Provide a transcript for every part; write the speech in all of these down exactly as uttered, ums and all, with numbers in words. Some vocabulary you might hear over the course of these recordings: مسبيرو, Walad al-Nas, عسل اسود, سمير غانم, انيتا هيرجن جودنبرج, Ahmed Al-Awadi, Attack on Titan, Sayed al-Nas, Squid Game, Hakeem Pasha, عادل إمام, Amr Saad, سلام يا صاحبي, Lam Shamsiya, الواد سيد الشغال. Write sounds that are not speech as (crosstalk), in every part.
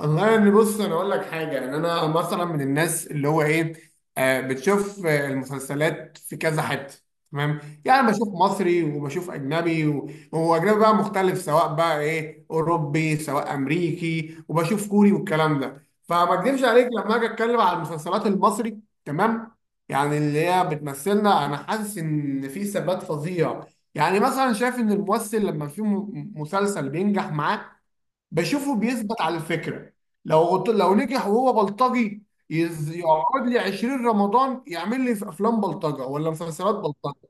والله يعني بص، انا اقول لك حاجه. ان انا مثلا من الناس اللي هو ايه، آه بتشوف. آه، المسلسلات في كذا حته. تمام يعني بشوف مصري وبشوف اجنبي و- وهو اجنبي بقى مختلف، سواء بقى ايه اوروبي سواء امريكي، وبشوف كوري والكلام ده. فما اكذبش عليك لما اجي اتكلم على المسلسلات المصري. تمام. يعني اللي هي بتمثلنا انا حاسس ان في ثبات فظيع. يعني مثلا شايف ان الممثل لما في م- مسلسل بينجح معاه بشوفه بيثبت على الفكره. لو غط- لو نجح وهو بلطجي يز- يقعد لي عشرين رمضان يعمل لي في افلام بلطجه ولا مسلسلات بلطجه.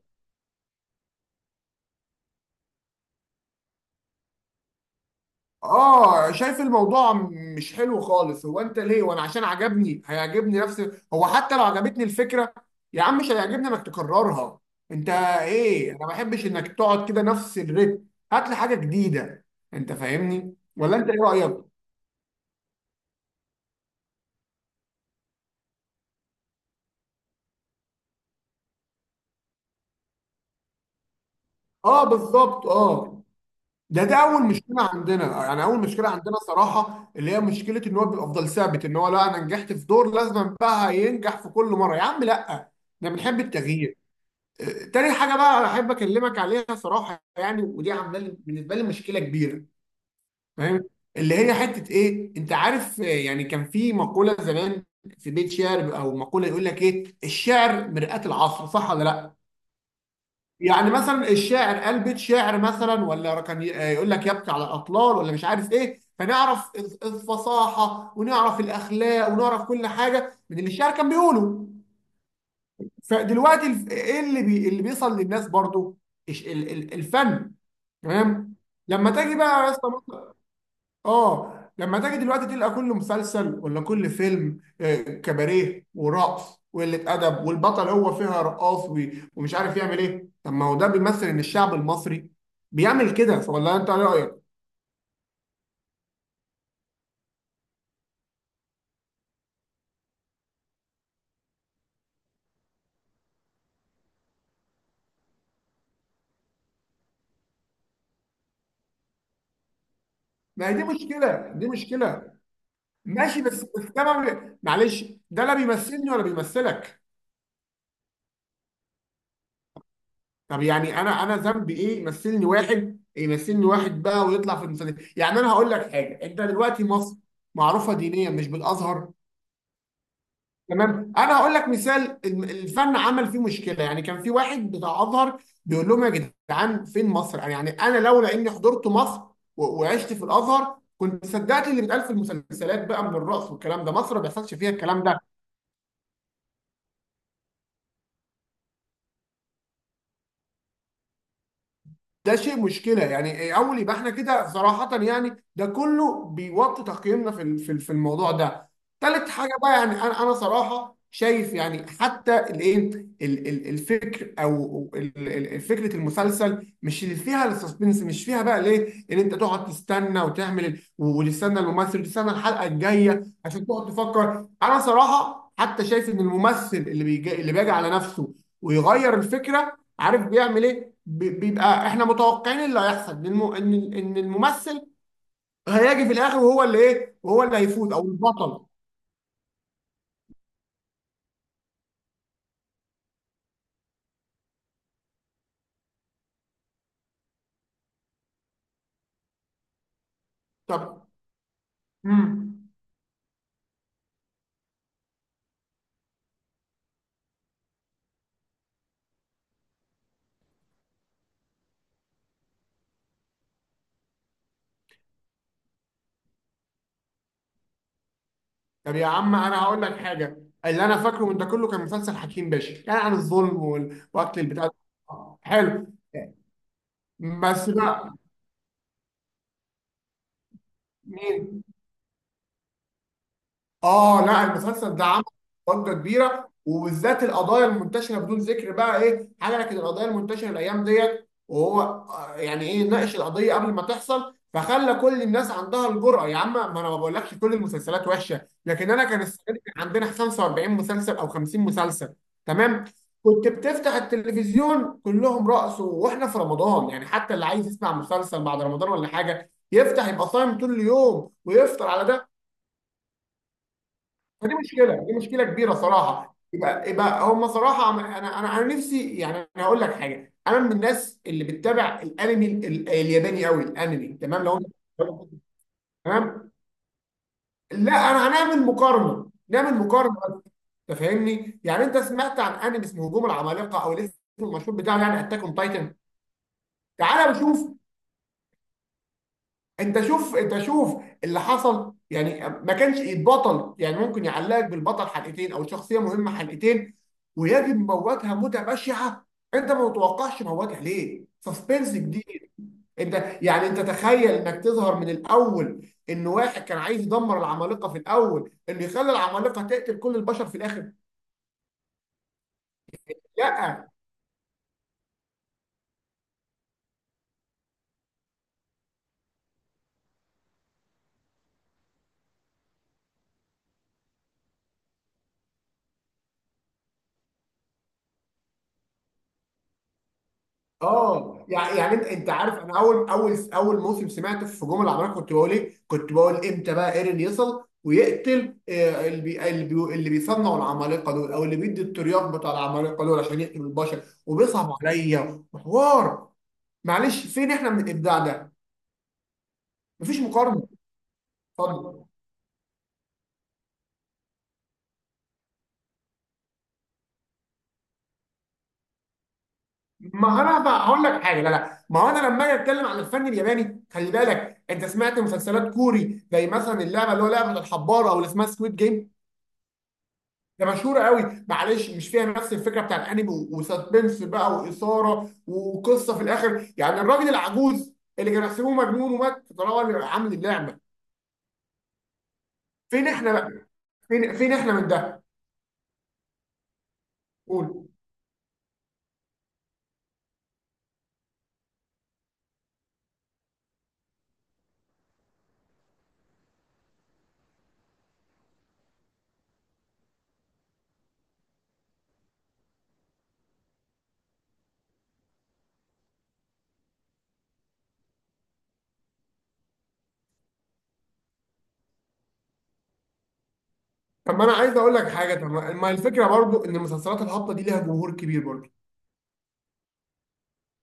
اه، شايف الموضوع م- مش حلو خالص. هو انت ليه؟ وانا عشان عجبني هيعجبني نفس، هو حتى لو عجبتني الفكره يا عم مش هيعجبني انك تكررها. انت ايه؟ انا ما بحبش انك تقعد كده نفس الريتم. هات لي حاجه جديده. انت فاهمني ولا انت ايه رايك؟ اه بالظبط اه. ده ده اول مشكله عندنا، يعني اول مشكله عندنا صراحه اللي هي مشكله، ان هو بيبقى افضل ثابت، ان هو لا انا نجحت في دور لازم بقى ينجح في كل مره. يا عم لا، احنا بنحب التغيير. آه، تاني حاجه بقى انا احب اكلمك عليها صراحه، يعني ودي عامله لي بالنسبه لي مشكله كبيره. فاهم؟ اللي هي حته ايه، انت عارف، آه، يعني كان في مقوله زمان، في بيت شعر او مقوله، يقول لك ايه، الشعر مرآة العصر، صح ولا لا؟ يعني مثلا الشاعر قال بيت شعر مثلا، ولا كان ي- يقول لك يبكي على الاطلال ولا مش عارف ايه، فنعرف الف- الفصاحه، ونعرف الاخلاق، ونعرف كل حاجه من اللي الشاعر كان بيقوله. فدلوقتي الف- ايه اللي بي اللي بيوصل للناس برضو؟ الش- ال- ال- الفن. تمام. لما تيجي بقى يا اسطى، اه لما تيجي دلوقتي تلقى كل مسلسل ولا كل فيلم، آه، كباريه ورقص وقلة أدب، والبطل هو فيها رقاص وي- ومش عارف يعمل إيه. طب ما هو ده بيمثل إن الشعب المصري بيعمل كده، ولا أنت إيه رأيك؟ ما هي دي مشكلة، دي مشكلة. ماشي، بس بس ده ما بي- معلش، ده لا بيمثلني ولا بيمثلك. طب يعني أنا أنا ذنبي إيه؟ يمثلني واحد، يمثلني واحد بقى ويطلع في المسلسل. يعني أنا هقول لك حاجة، أنت دلوقتي مصر معروفة دينيا مش بالأزهر؟ تمام. انا هقول لك مثال، الم- الفن عمل فيه مشكله. يعني كان في واحد بتاع ازهر بيقول لهم يا جدعان، فين مصر؟ يعني يعني انا لولا اني حضرت مصر و- وعشت في الازهر كنت صدقت اللي بيتقال في المسلسلات، بقى من الرقص والكلام ده. مصر ما بيحصلش فيها الكلام ده. ده شيء مشكله يعني. اول يبقى احنا كده صراحه، يعني ده كله بيوطي تقييمنا في ال- في ال- في الموضوع ده. تالت حاجه بقى، يعني انا انا صراحه شايف، يعني حتى الايه، ال- ال- الفكر او ال- ال- فكره المسلسل مش اللي فيها السسبنس، مش فيها بقى ليه ان انت تقعد تستنى وتعمل ال- وتستنى الممثل وتستنى الحلقه الجايه عشان تقعد تفكر. انا صراحه حتى شايف ان الممثل اللي بيجي، اللي بيجي على نفسه ويغير الفكره، عارف بيعمل ايه؟ ب- بيبقى احنا متوقعين إيه اللي هيحصل، ان الم- ان إن الممثل هيجي في الاخر وهو اللي ايه، وهو اللي هيفوز او البطل. طب، امم. طب يا عم انا هقول لك حاجه، اللي انا فاكره من ده كله كان مسلسل حكيم باشا، كان عن الظلم وال- واكل البتاع ده. آه، حلو. بس بقى، مين؟ اه لا، المسلسل ده عمل ضجه كبيره، وبالذات القضايا المنتشره، بدون ذكر بقى ايه، حركه القضايا المنتشره الايام ديت، وهو آه، يعني ايه، ناقش القضيه قبل ما تحصل، فخلى كل الناس عندها الجرأه. يا عم ما انا ما بقولكش كل المسلسلات وحشه، لكن انا كان السنه دي كان عندنا خمسه واربعين مسلسل او خمسين مسلسل. تمام؟ كنت بتفتح التلفزيون كلهم رقص، واحنا في رمضان يعني، حتى اللي عايز يسمع مسلسل بعد رمضان ولا حاجه، يفتح يبقى صايم طول اليوم ويفطر على ده. فدي مشكله، دي مشكله كبيره صراحه. يبقى يبقى هم صراحه عم- انا انا انا نفسي يعني، انا هقول لك حاجه، انا من الناس اللي بتتابع الانمي ال- الياباني قوي، الانمي. تمام لو انت (laughs) تمام. لا، انا هنعمل مقارنه، نعمل مقارنه. انت فاهمني؟ يعني انت سمعت عن انمي اسمه هجوم العمالقه، او الاسم المشهور بتاعه يعني اتاك اون تايتن. تعالى نشوف، انت شوف، انت شوف اللي حصل. يعني ما كانش يتبطل، يعني ممكن يعلقك بالبطل حلقتين او شخصيه مهمه حلقتين ويجب موتها موته بشعه. انت ما متوقعش موتها ليه؟ سسبنس جديد. انت يعني انت تخيل انك تظهر من الاول ان واحد كان عايز يدمر العمالقه، في الاول، انه يخلي العمالقه تقتل كل البشر في الاخر. لا. اه، يعني يعني انت، انت عارف، انا اول اول اول موسم سمعت في هجوم العمالقه كنت بقول ايه؟ كنت بقول امتى بقى ايرين يصل ويقتل، آه، اللي بي اللي بي اللي بيصنعوا العمالقه دول، او اللي بيدي الترياق بتاع العمالقه دول عشان يقتلوا البشر، وبيصعب عليا وحوار. معلش، فين احنا من الابداع ده؟ مفيش مقارنه. اتفضل. ما انا بقى هقول لك حاجه، لا لا، ما هو انا لما اجي اتكلم عن الفن الياباني، خلي بالك انت سمعت مسلسلات كوري زي مثلا اللعبه اللي هو لعبه الحبار، او اللي اسمها سكويد جيم. ده مشهور قوي. معلش، مش فيها نفس الفكره بتاع الانمي و- وسسبنس بقى واثاره وقصه في الاخر، يعني الراجل العجوز اللي كان يحسبوه مجنون ومات طالما عامل اللعبه. فين احنا بقى، فين فين احنا من ده. قول. طب ما انا عايز اقول لك حاجه، طب ما ما الفكره برضو ان المسلسلات الهابطه دي ليها جمهور كبير برضو.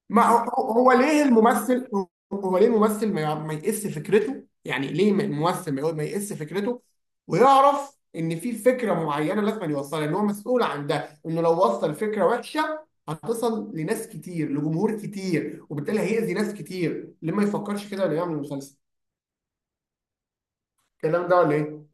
ما هو، هو هو ليه الممثل، هو ليه الممثل ما يع- ما يقس فكرته، يعني ليه م- الممثل ما يقول- ما يقس فكرته ويعرف ان في فكره معينه لازم يوصلها، ان هو مسؤول عن ده، انه لو وصل فكره وحشه هتصل لناس كتير، لجمهور كتير، وبالتالي هيأذي ناس كتير. ليه ما يفكرش كده ولا يعمل مسلسل الكلام ده ولا ايه؟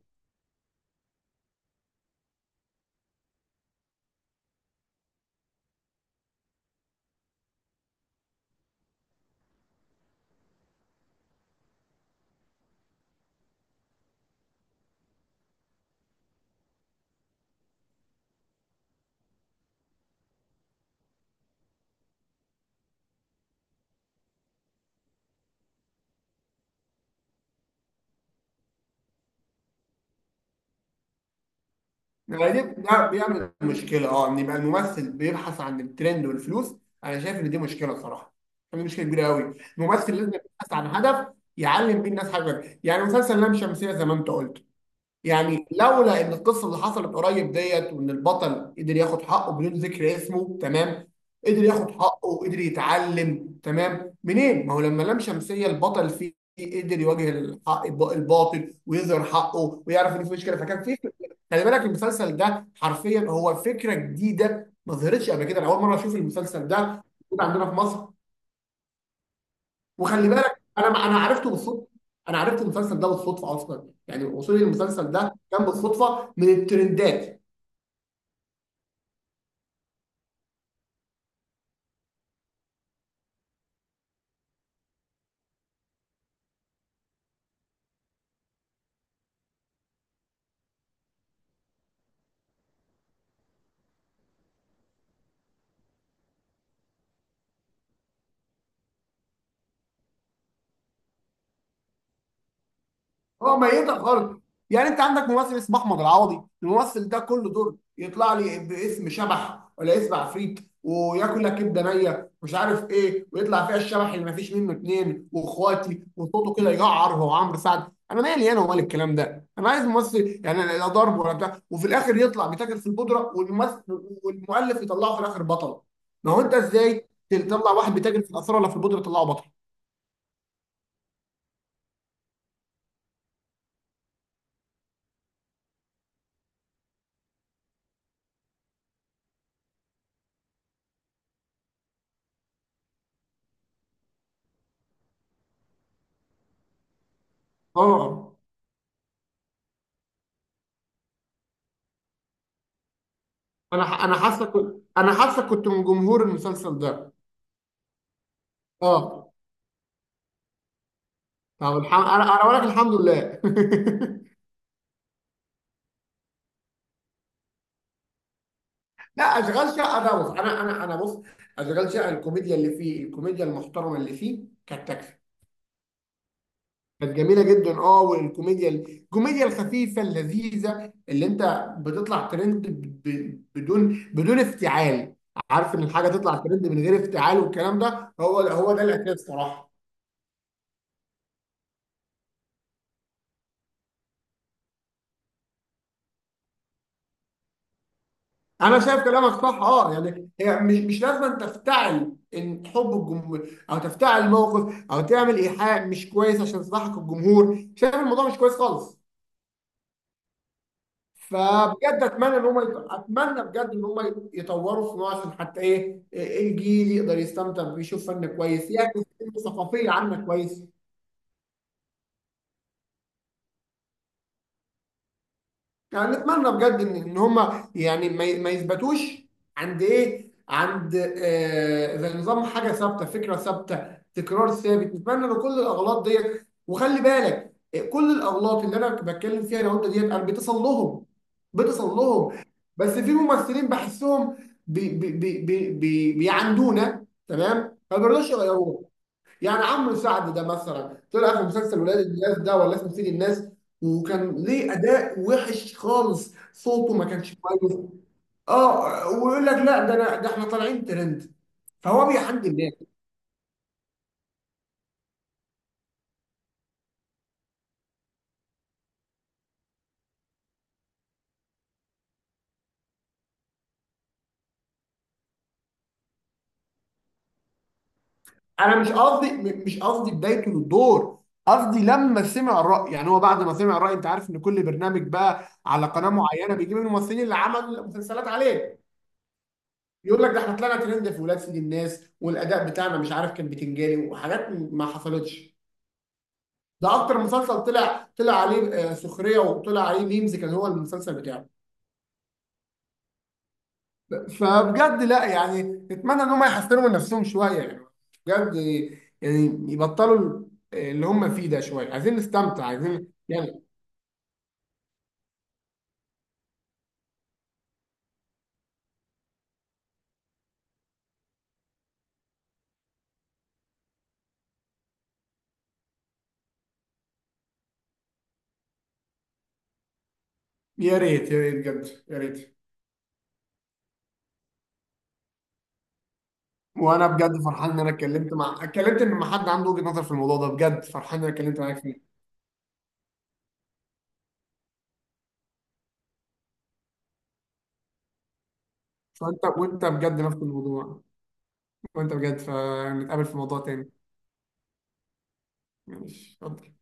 يعني دي ده بيعمل مشكلة اه، ان يبقى الممثل بيبحث عن الترند والفلوس. انا شايف ان دي مشكلة صراحة، دي مشكلة كبيرة قوي. الممثل لازم يبحث عن هدف يعلم بيه الناس حاجة. يعني مسلسل لام شمسية زي ما انت قلت، يعني لولا ان القصه اللي حصلت قريب ديت، وان البطل قدر ياخد حقه بدون ذكر اسمه تمام، قدر ياخد حقه، قدر يتعلم تمام، منين؟ ما هو لما لام شمسيه البطل فيه قدر يواجه الحق، الب- الباطل، ويظهر حقه ويعرف ان في مشكله، فكان في. خلي بالك المسلسل ده حرفيا هو فكره جديده ما ظهرتش قبل كده. انا اول مره اشوف المسلسل ده موجود عندنا في مصر. وخلي بالك انا ما- انا عرفته بالصدفه، انا عرفت المسلسل ده بالصدفه اصلا. يعني وصولي للمسلسل ده كان بالصدفه من الترندات. هو ميتة خالص. يعني انت عندك ممثل اسمه احمد العوضي، الممثل ده كل دور يطلع لي باسم شبح ولا اسم عفريت وياكل لك كبده نيه مش عارف ايه، ويطلع فيها الشبح اللي ما فيش منه اتنين واخواتي وصوته كده يقعر، هو عمرو سعد. انا مالي انا ومال الكلام ده؟ انا عايز ممثل يعني لا ضرب ولا بتاع، وفي الاخر يطلع بيتاجر في البودره، والممثل والمؤلف يطلعه في الاخر بطل. ما هو انت ازاي تطلع واحد بيتاجر في الاثار ولا في البودره تطلعه بطل؟ اه. انا ح- انا حاسك، انا حاسك كنت من جمهور المسلسل ده. اه. طب الحمد، انا انا اقول لك الحمد لله. (laughs) لا اشغال شقه ده، بص انا، انا انا بص، اشغال شقه الكوميديا اللي فيه، الكوميديا المحترمه اللي فيه كانت تكفي. كانت جميله جدا اه، والكوميديا، الكوميديا الخفيفه اللذيذه اللي انت بتطلع ترند ب- ب- بدون بدون افتعال. عارف ان الحاجه تطلع ترند من غير افتعال، والكلام ده، هو هو ده الاساس صراحه. انا شايف كلامك صح اه. يعني هي مش مش لازم أن تفتعل ان حب الجمهور، او تفتعل الموقف، او تعمل ايحاء مش كويس عشان تصلحك الجمهور. شايف الموضوع مش كويس خالص. فبجد اتمنى ان هم يط- اتمنى بجد ان هم يطوروا في نوع، عشان حتى ايه، إيه الجيل يقدر يستمتع ويشوف فن كويس يعكس الثقافيه عامه كويس. يعني نتمنى بجد ان ان هم يعني ما ي- ما يثبتوش عند ايه، عند آه زي نظام حاجه ثابته، فكره ثابته، تكرار ثابت. نتمنى ان كل الاغلاط ديت، وخلي بالك آه، كل الاغلاط اللي انا بتكلم فيها لو انت ديت انا بتصل لهم، بتصل لهم، بس في ممثلين بحسهم بي بي بي بي بي بيعندونا تمام، ما بيرضوش يغيروها. يعني عمرو سعد ده مثلا طلع في مسلسل ولاد الناس، ده ولا اسمه سيد الناس، وكان ليه اداء وحش خالص، صوته ما كانش كويس اه. ويقول لك لا، ده انا، ده احنا طالعين ترند. فهو بيحد الناس. انا مش قصدي م- مش قصدي بدايته للدور، قصدي لما سمع الراي، يعني هو بعد ما سمع الراي، انت عارف ان كل برنامج بقى على قناه معينه بيجيب الممثلين اللي عمل مسلسلات عليه يقول لك، ده احنا طلعنا ترند في ولاد سيد الناس، والاداء بتاعنا مش عارف كان بتنجاني، وحاجات ما حصلتش. ده اكتر مسلسل طلع طلع عليه آه، سخريه، وطلع عليه ميمز، كان هو المسلسل بتاعه. فبجد لا، يعني نتمنى ان هم يحسنوا من نفسهم شويه، يعني بجد، يعني يبطلوا اللي هم فيه ده شويه. عايزين نستمتع، عايزين يعني. يا ريت، يا ريت بجد، يا ريت. وانا بجد فرحان ان انا اتكلمت مع، اتكلمت ان ما حد عنده وجهه نظر في الموضوع ده. بجد فرحان ان انا اتكلمت معاك فيه. فانت، وانت بجد نفس الموضوع، وانت بجد فنتقابل في موضوع تاني. ماشي، اتفضل.